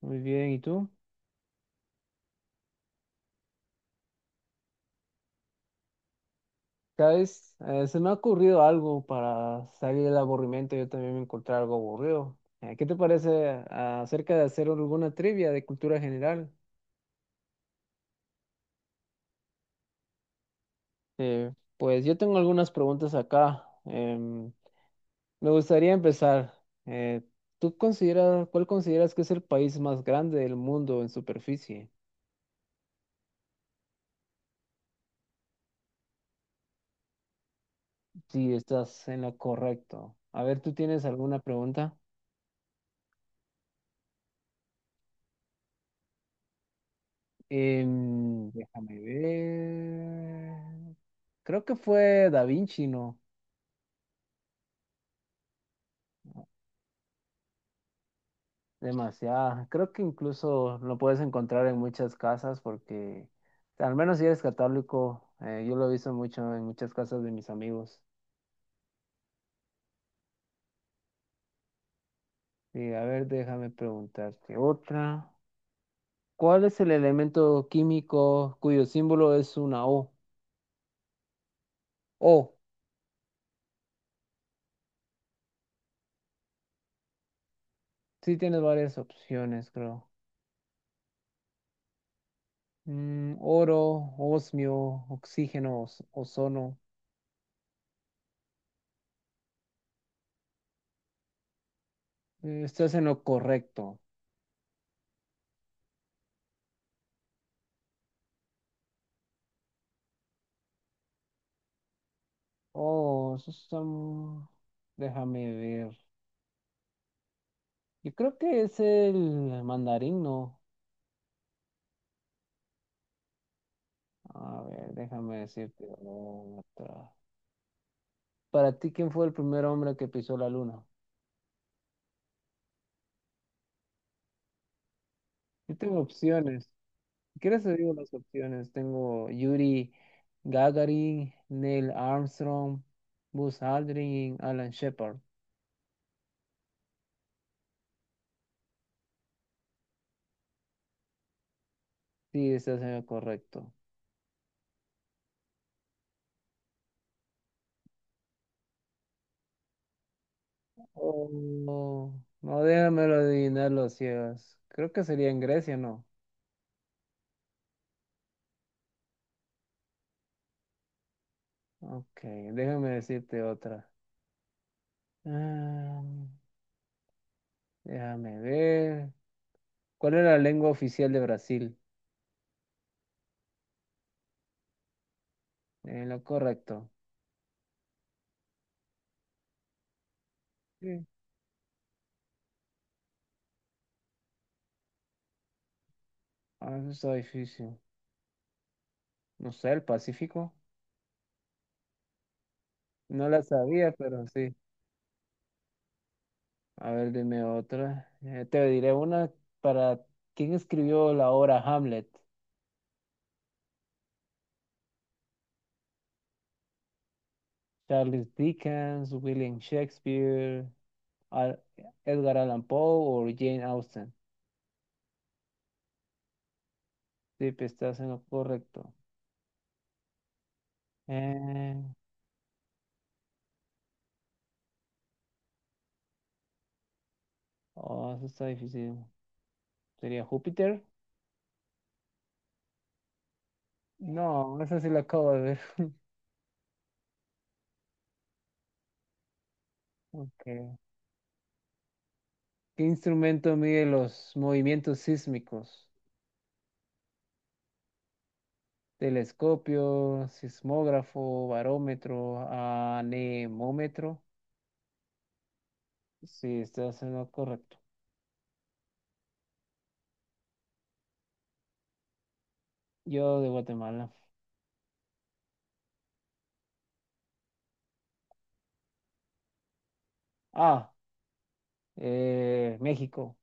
Muy bien, ¿y tú? ¿Sabes? Se me ha ocurrido algo para salir del aburrimiento. Yo también me encontré algo aburrido. ¿Qué te parece acerca de hacer alguna trivia de cultura general? Pues yo tengo algunas preguntas acá. Me gustaría empezar. Eh, ¿Tú consideras, cuál consideras que es el país más grande del mundo en superficie? Sí, estás en lo correcto. A ver, ¿tú tienes alguna pregunta? Déjame ver. Creo que fue Da Vinci, ¿no? Demasiado. Creo que incluso lo puedes encontrar en muchas casas porque, al menos si eres católico, yo lo he visto mucho en muchas casas de mis amigos. Sí, a ver, déjame preguntarte otra. ¿Cuál es el elemento químico cuyo símbolo es una O? O. Sí, tienes varias opciones, creo. Mm, oro, osmio, oxígeno, ozono. Estás en lo correcto. Oh, eso está déjame ver. Yo creo que es el mandarín, ¿no? A ver, déjame decirte otra. Para ti, ¿quién fue el primer hombre que pisó la luna? Yo tengo opciones. Si quieres te digo las opciones. Tengo Yuri Gagarin, Neil Armstrong, Buzz Aldrin, Alan Shepard. Sí, estás en lo correcto. Oh, no, déjamelo adivinar los ciegos. Creo que sería en Grecia, ¿no? Ok, déjame decirte otra. Ah, déjame ver. ¿Cuál es la lengua oficial de Brasil? Lo correcto. Sí. Ah, eso está difícil. No sé, el Pacífico. No la sabía, pero sí. A ver, dime otra. Te diré una para ¿quién escribió la obra Hamlet? Charles Dickens, William Shakespeare, Al Edgar Allan Poe o Jane Austen. Sí, pues, estás en lo correcto. Eh, oh, eso está difícil. ¿Sería Júpiter? No, esa sí la acabo de ver. Ok. ¿Qué instrumento mide los movimientos sísmicos? Telescopio, sismógrafo, barómetro, anemómetro. Sí, estás en lo correcto. Yo de Guatemala. Ah, México.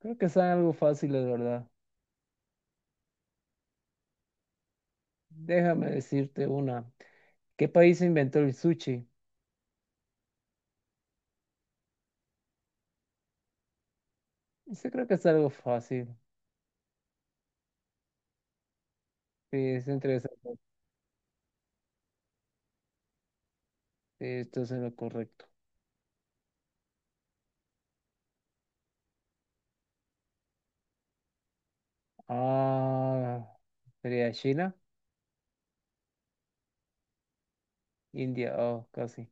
Creo que es algo fácil, de verdad. Déjame decirte una. ¿Qué país inventó el sushi? Eso creo que es algo fácil. Sí, es interesante. Sí, esto es lo correcto. Ah, sería China, India. Oh, casi.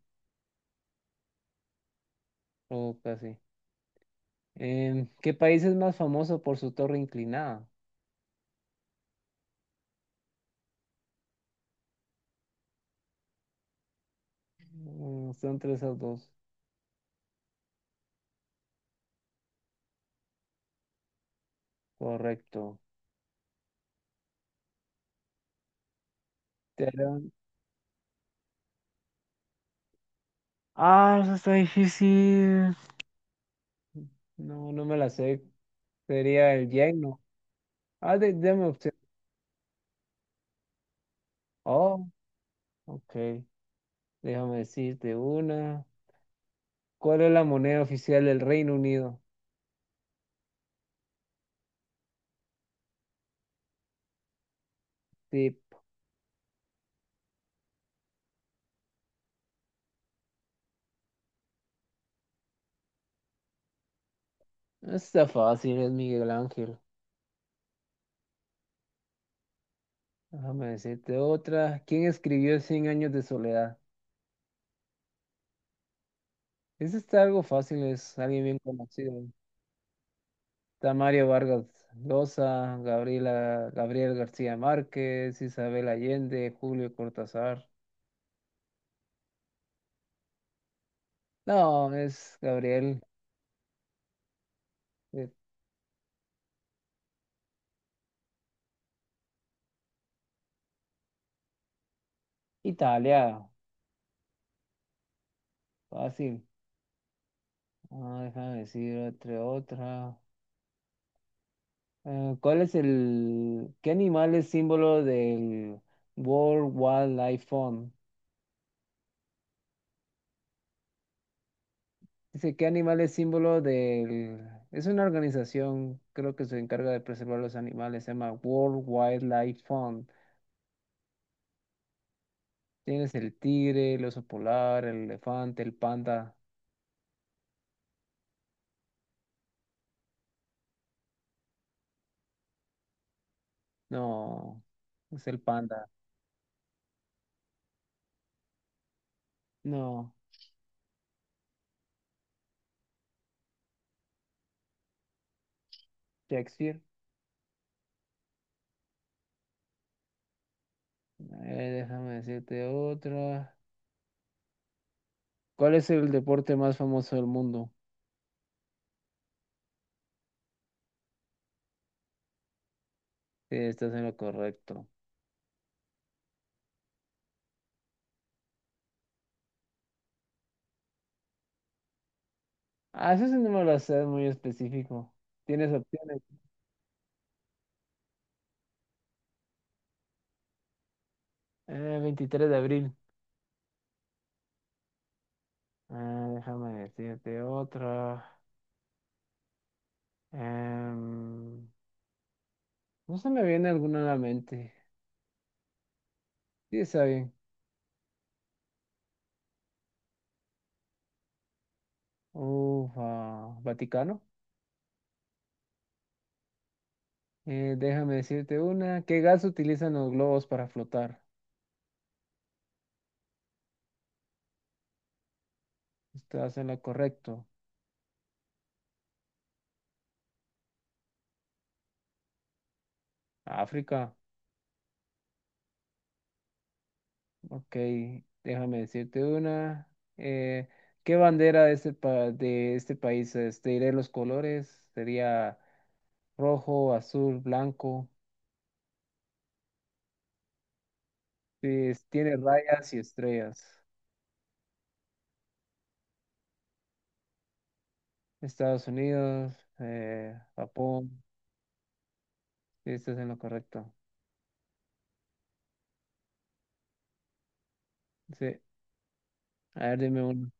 Oh, casi. ¿Qué país es más famoso por su torre inclinada? Mm, son tres a dos. Correcto. Teherán. Ah, eso está difícil. No, no me la sé. Sería el yen, ¿no? Ah, deme opción. Oh, ok. Déjame decirte una. ¿Cuál es la moneda oficial del Reino Unido? Tip. Está fácil, es Miguel Ángel. Déjame decirte otra. ¿Quién escribió Cien años de soledad? Ese está algo fácil, es alguien bien conocido. Está Mario Vargas Llosa, Gabriela, Gabriel García Márquez, Isabel Allende, Julio Cortázar. No, es Gabriel. De Italia, fácil. Ah, déjame decir otra. ¿Cuál es qué animal es símbolo del World Wildlife Fund? Dice, ¿qué animal es símbolo del, es una organización, creo que se encarga de preservar los animales, se llama World Wildlife Fund. Tienes el tigre, el oso polar, el elefante, el panda. No, es el panda. No, Shakespeare. Déjame decirte otra. ¿Cuál es el deporte más famoso del mundo? Sí, estás en lo correcto. Ah, eso sí no me lo sé, es muy específico. Tienes opciones. 23 de abril. Ah, déjame decirte otra. Em, no se me viene alguna a la mente. Sí, está bien. Ufa, Vaticano. Déjame decirte una. ¿Qué gas utilizan los globos para flotar? Estás en lo correcto. África. Ok, déjame decirte una. Eh, ¿Qué bandera de este, de este país es? Te diré los colores. Sería rojo, azul, blanco. Sí, es- tiene rayas y estrellas. Estados Unidos, Japón. Sí, estás en lo correcto. Sí, a ver, dime uno.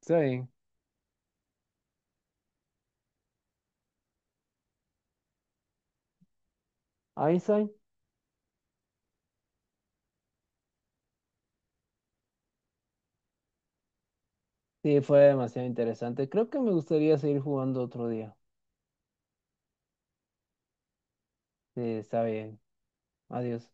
Está bien. Einstein. Sí, fue demasiado interesante. Creo que me gustaría seguir jugando otro día. Sí, está bien. Adiós.